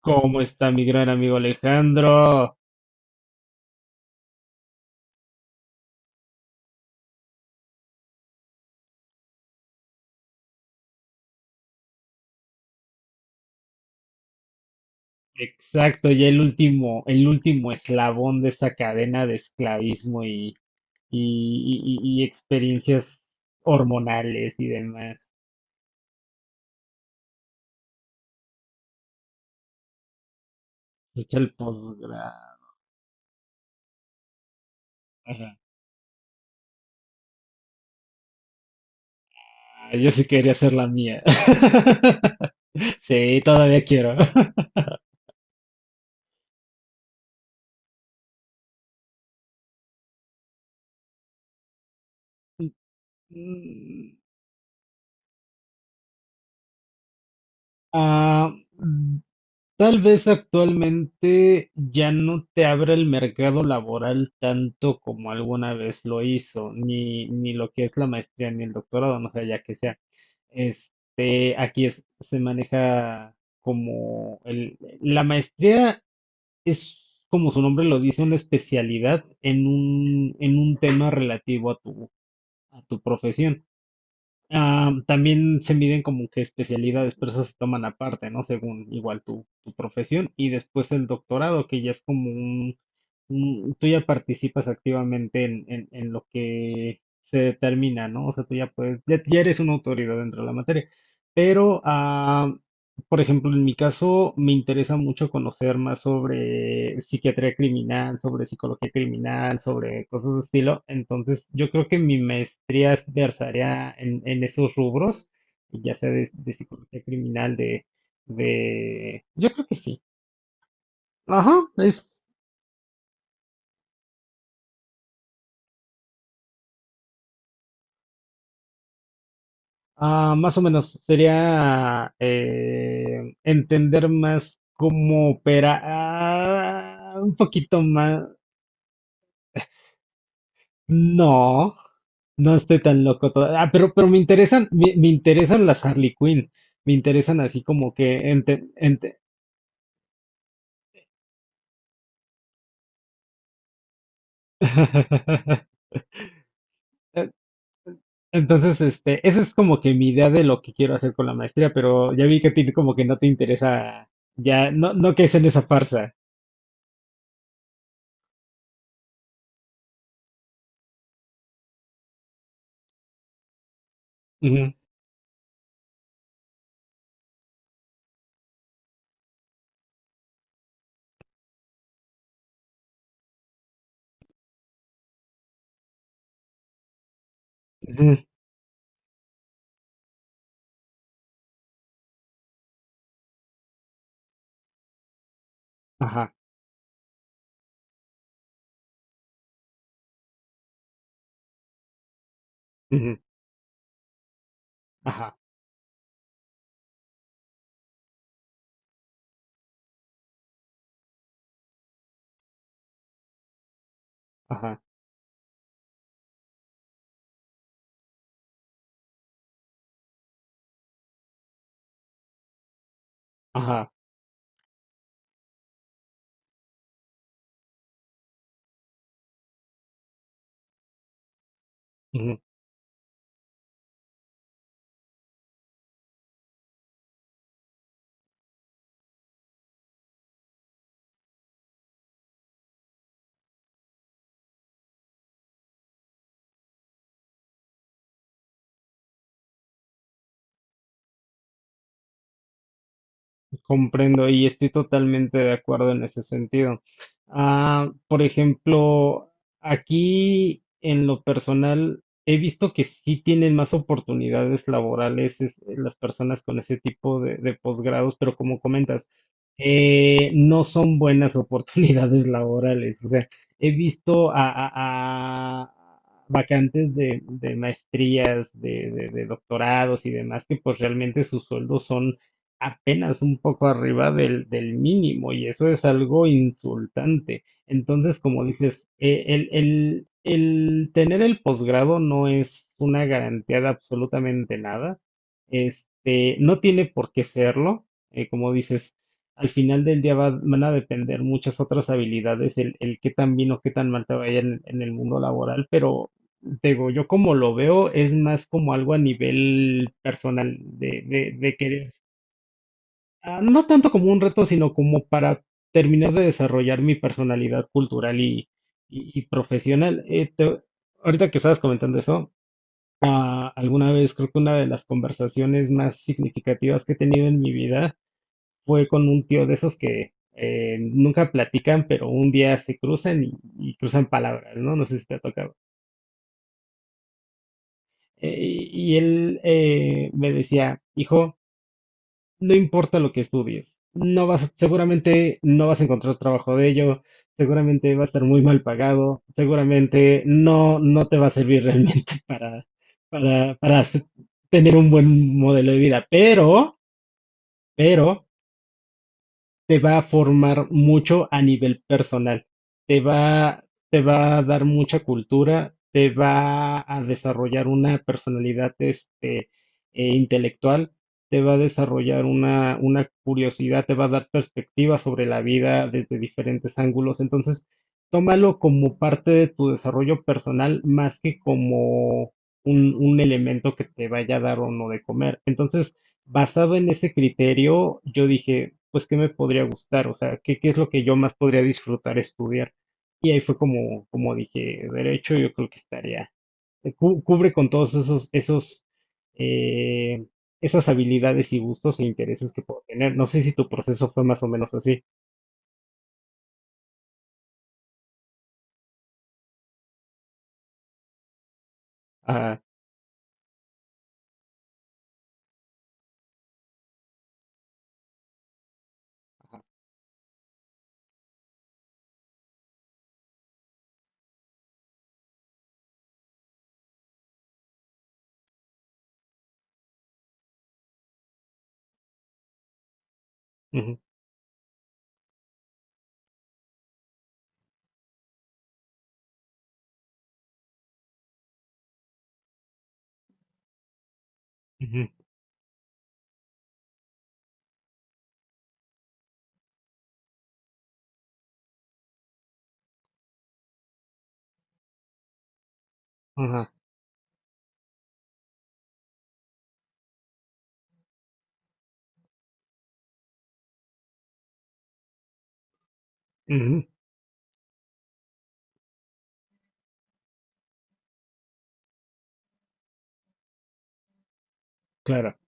¿Cómo está mi gran amigo Alejandro? Exacto, ya el último eslabón de esa cadena de esclavismo y experiencias hormonales y demás. Escucha el posgrado. Ajá. Ah, yo sí quería hacer la mía. Sí, todavía quiero. Mm, ah, Tal vez actualmente ya no te abra el mercado laboral tanto como alguna vez lo hizo, ni lo que es la maestría ni el doctorado, no sé, ya que sea. Aquí se maneja como la maestría es, como su nombre lo dice, una especialidad en en un tema relativo a a tu profesión. Ah, también se miden como que especialidades, pero eso se toman aparte, ¿no? Según igual tu profesión. Y después el doctorado, que ya es como tú ya participas activamente en, en lo que se determina, ¿no? O sea, tú ya puedes, ya eres una autoridad dentro de la materia. Pero por ejemplo, en mi caso me interesa mucho conocer más sobre psiquiatría criminal, sobre psicología criminal, sobre cosas de estilo. Entonces, yo creo que mi maestría es versaría en esos rubros, ya sea de psicología criminal, de... Yo creo que sí. Ajá, es más o menos. Sería entender más cómo opera un poquito más. No, no estoy tan loco todavía. Pero me interesan, me interesan las Harley Quinn. Me interesan así como que Eh, Entonces, esa es como que mi idea de lo que quiero hacer con la maestría, pero ya vi que a ti como que no te interesa, ya, no, no que es en esa farsa. Ujú, ujú, ajá, ujú, ajá, ajá, ajá. Comprendo y estoy totalmente de acuerdo en ese sentido. Ah, por ejemplo, aquí en lo personal he visto que sí tienen más oportunidades laborales las personas con ese tipo de posgrados, pero como comentas, no son buenas oportunidades laborales. O sea, he visto a vacantes de maestrías, de doctorados y demás que pues realmente sus sueldos son apenas un poco arriba del mínimo y eso es algo insultante. Entonces, como dices, el tener el posgrado no es una garantía de absolutamente nada. No tiene por qué serlo. Como dices, al final del día van a depender muchas otras habilidades, el qué tan bien o qué tan mal te vaya en el mundo laboral, pero te digo, yo como lo veo es más como algo a nivel personal, de querer. Ah, no tanto como un reto, sino como para terminar de desarrollar mi personalidad cultural y profesional. Ahorita que estabas comentando eso, alguna vez creo que una de las conversaciones más significativas que he tenido en mi vida fue con un tío de esos que nunca platican, pero un día se cruzan y cruzan palabras, ¿no? No sé si te ha tocado. Y él me decía: hijo, no importa lo que estudies, no vas, seguramente no vas a encontrar trabajo de ello, seguramente va a estar muy mal pagado, seguramente no te va a servir realmente para tener un buen modelo de vida, pero te va a formar mucho a nivel personal, te va, te va a dar mucha cultura, te va a desarrollar una personalidad intelectual, te va a desarrollar una curiosidad, te va a dar perspectiva sobre la vida desde diferentes ángulos. Entonces, tómalo como parte de tu desarrollo personal más que como un elemento que te vaya a dar o no de comer. Entonces, basado en ese criterio, yo dije, pues, ¿qué me podría gustar? O sea, ¿qué es lo que yo más podría disfrutar estudiar? Y ahí fue como, como dije, derecho, yo creo que estaría, cubre con todos esos, eh, esas habilidades y gustos e intereses que puedo tener. No sé si tu proceso fue más o menos así. Ajá, ujú, ujú, ajá, ujú, claro,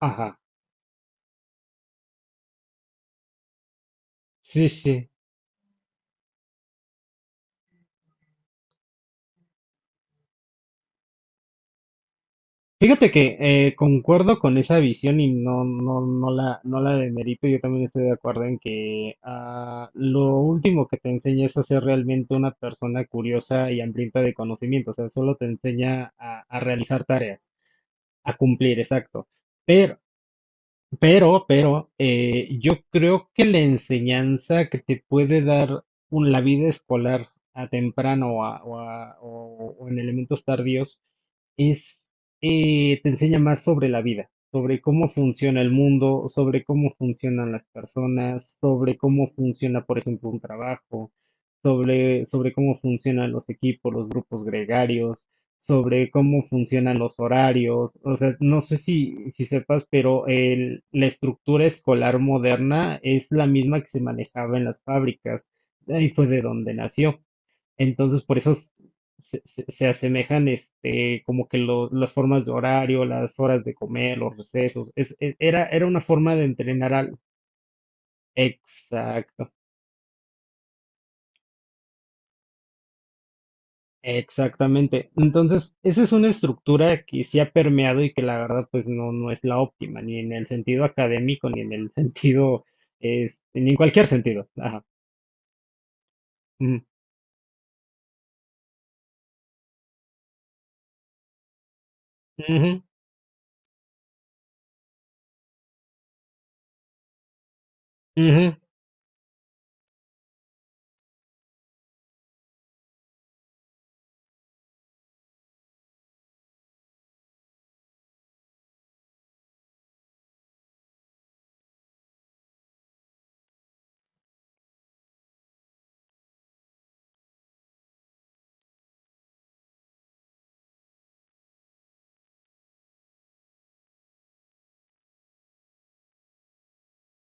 ajá, sí, sí. Fíjate que concuerdo con esa visión y no, no, no la demerito. Yo también estoy de acuerdo en que lo último que te enseña es a ser realmente una persona curiosa y hambrienta de conocimiento. O sea, solo te enseña a realizar tareas, a cumplir, exacto. Pero, pero, yo creo que la enseñanza que te puede dar la vida escolar a temprano o en elementos tardíos es, te enseña más sobre la vida, sobre cómo funciona el mundo, sobre cómo funcionan las personas, sobre cómo funciona, por ejemplo, un trabajo, sobre cómo funcionan los equipos, los grupos gregarios, sobre cómo funcionan los horarios. O sea, no sé si sepas, pero la estructura escolar moderna es la misma que se manejaba en las fábricas. Ahí fue de donde nació. Entonces, por eso se asemejan, como que las formas de horario, las horas de comer, los recesos. Era una forma de entrenar algo. Exacto, exactamente. Entonces, esa es una estructura que sí ha permeado y que la verdad, pues no es la óptima, ni en el sentido académico, ni en el sentido, ni en cualquier sentido. Ajá. Ujú, ujú, ujú,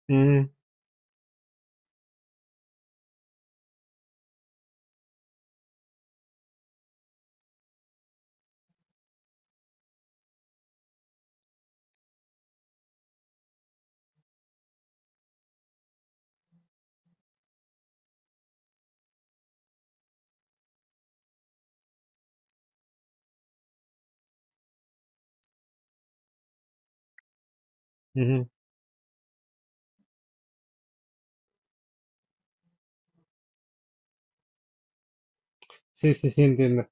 ujú, ujú. Sí, sí, sí, entiendo.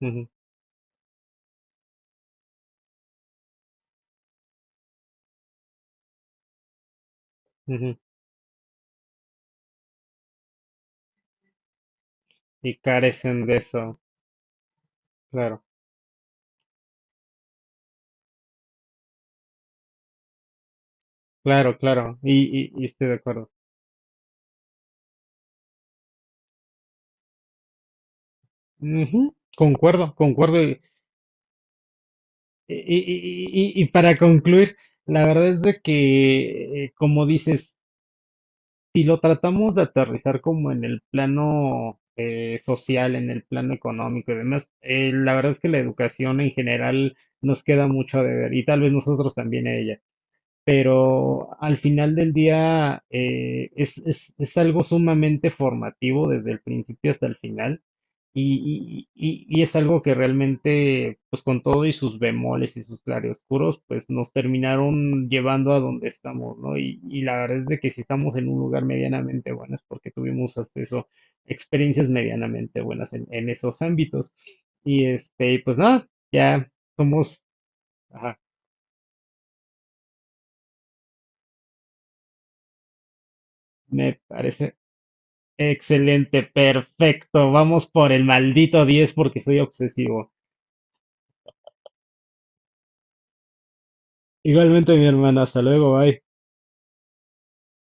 Ujú, ujú. Y carecen de eso, claro. Claro, claro, y estoy de acuerdo. Ujú, concuerdo, concuerdo. Y- y- y para concluir, la verdad es de que, como dices, si lo tratamos de aterrizar como en el plano social, en el plano económico y demás, la verdad es que la educación en general nos queda mucho a deber y tal vez nosotros también a ella. Pero al final del día es algo sumamente formativo desde el principio hasta el final y es algo que realmente, pues con todo y sus bemoles y sus claroscuros, pues nos terminaron llevando a donde estamos, ¿no? Y la verdad es de que si estamos en un lugar medianamente bueno es porque tuvimos hasta eso, experiencias medianamente buenas en esos ámbitos. Y pues nada, ya somos. Ajá, me parece excelente, perfecto. Vamos por el maldito 10 porque soy obsesivo. Igualmente, mi hermano, hasta luego, bye.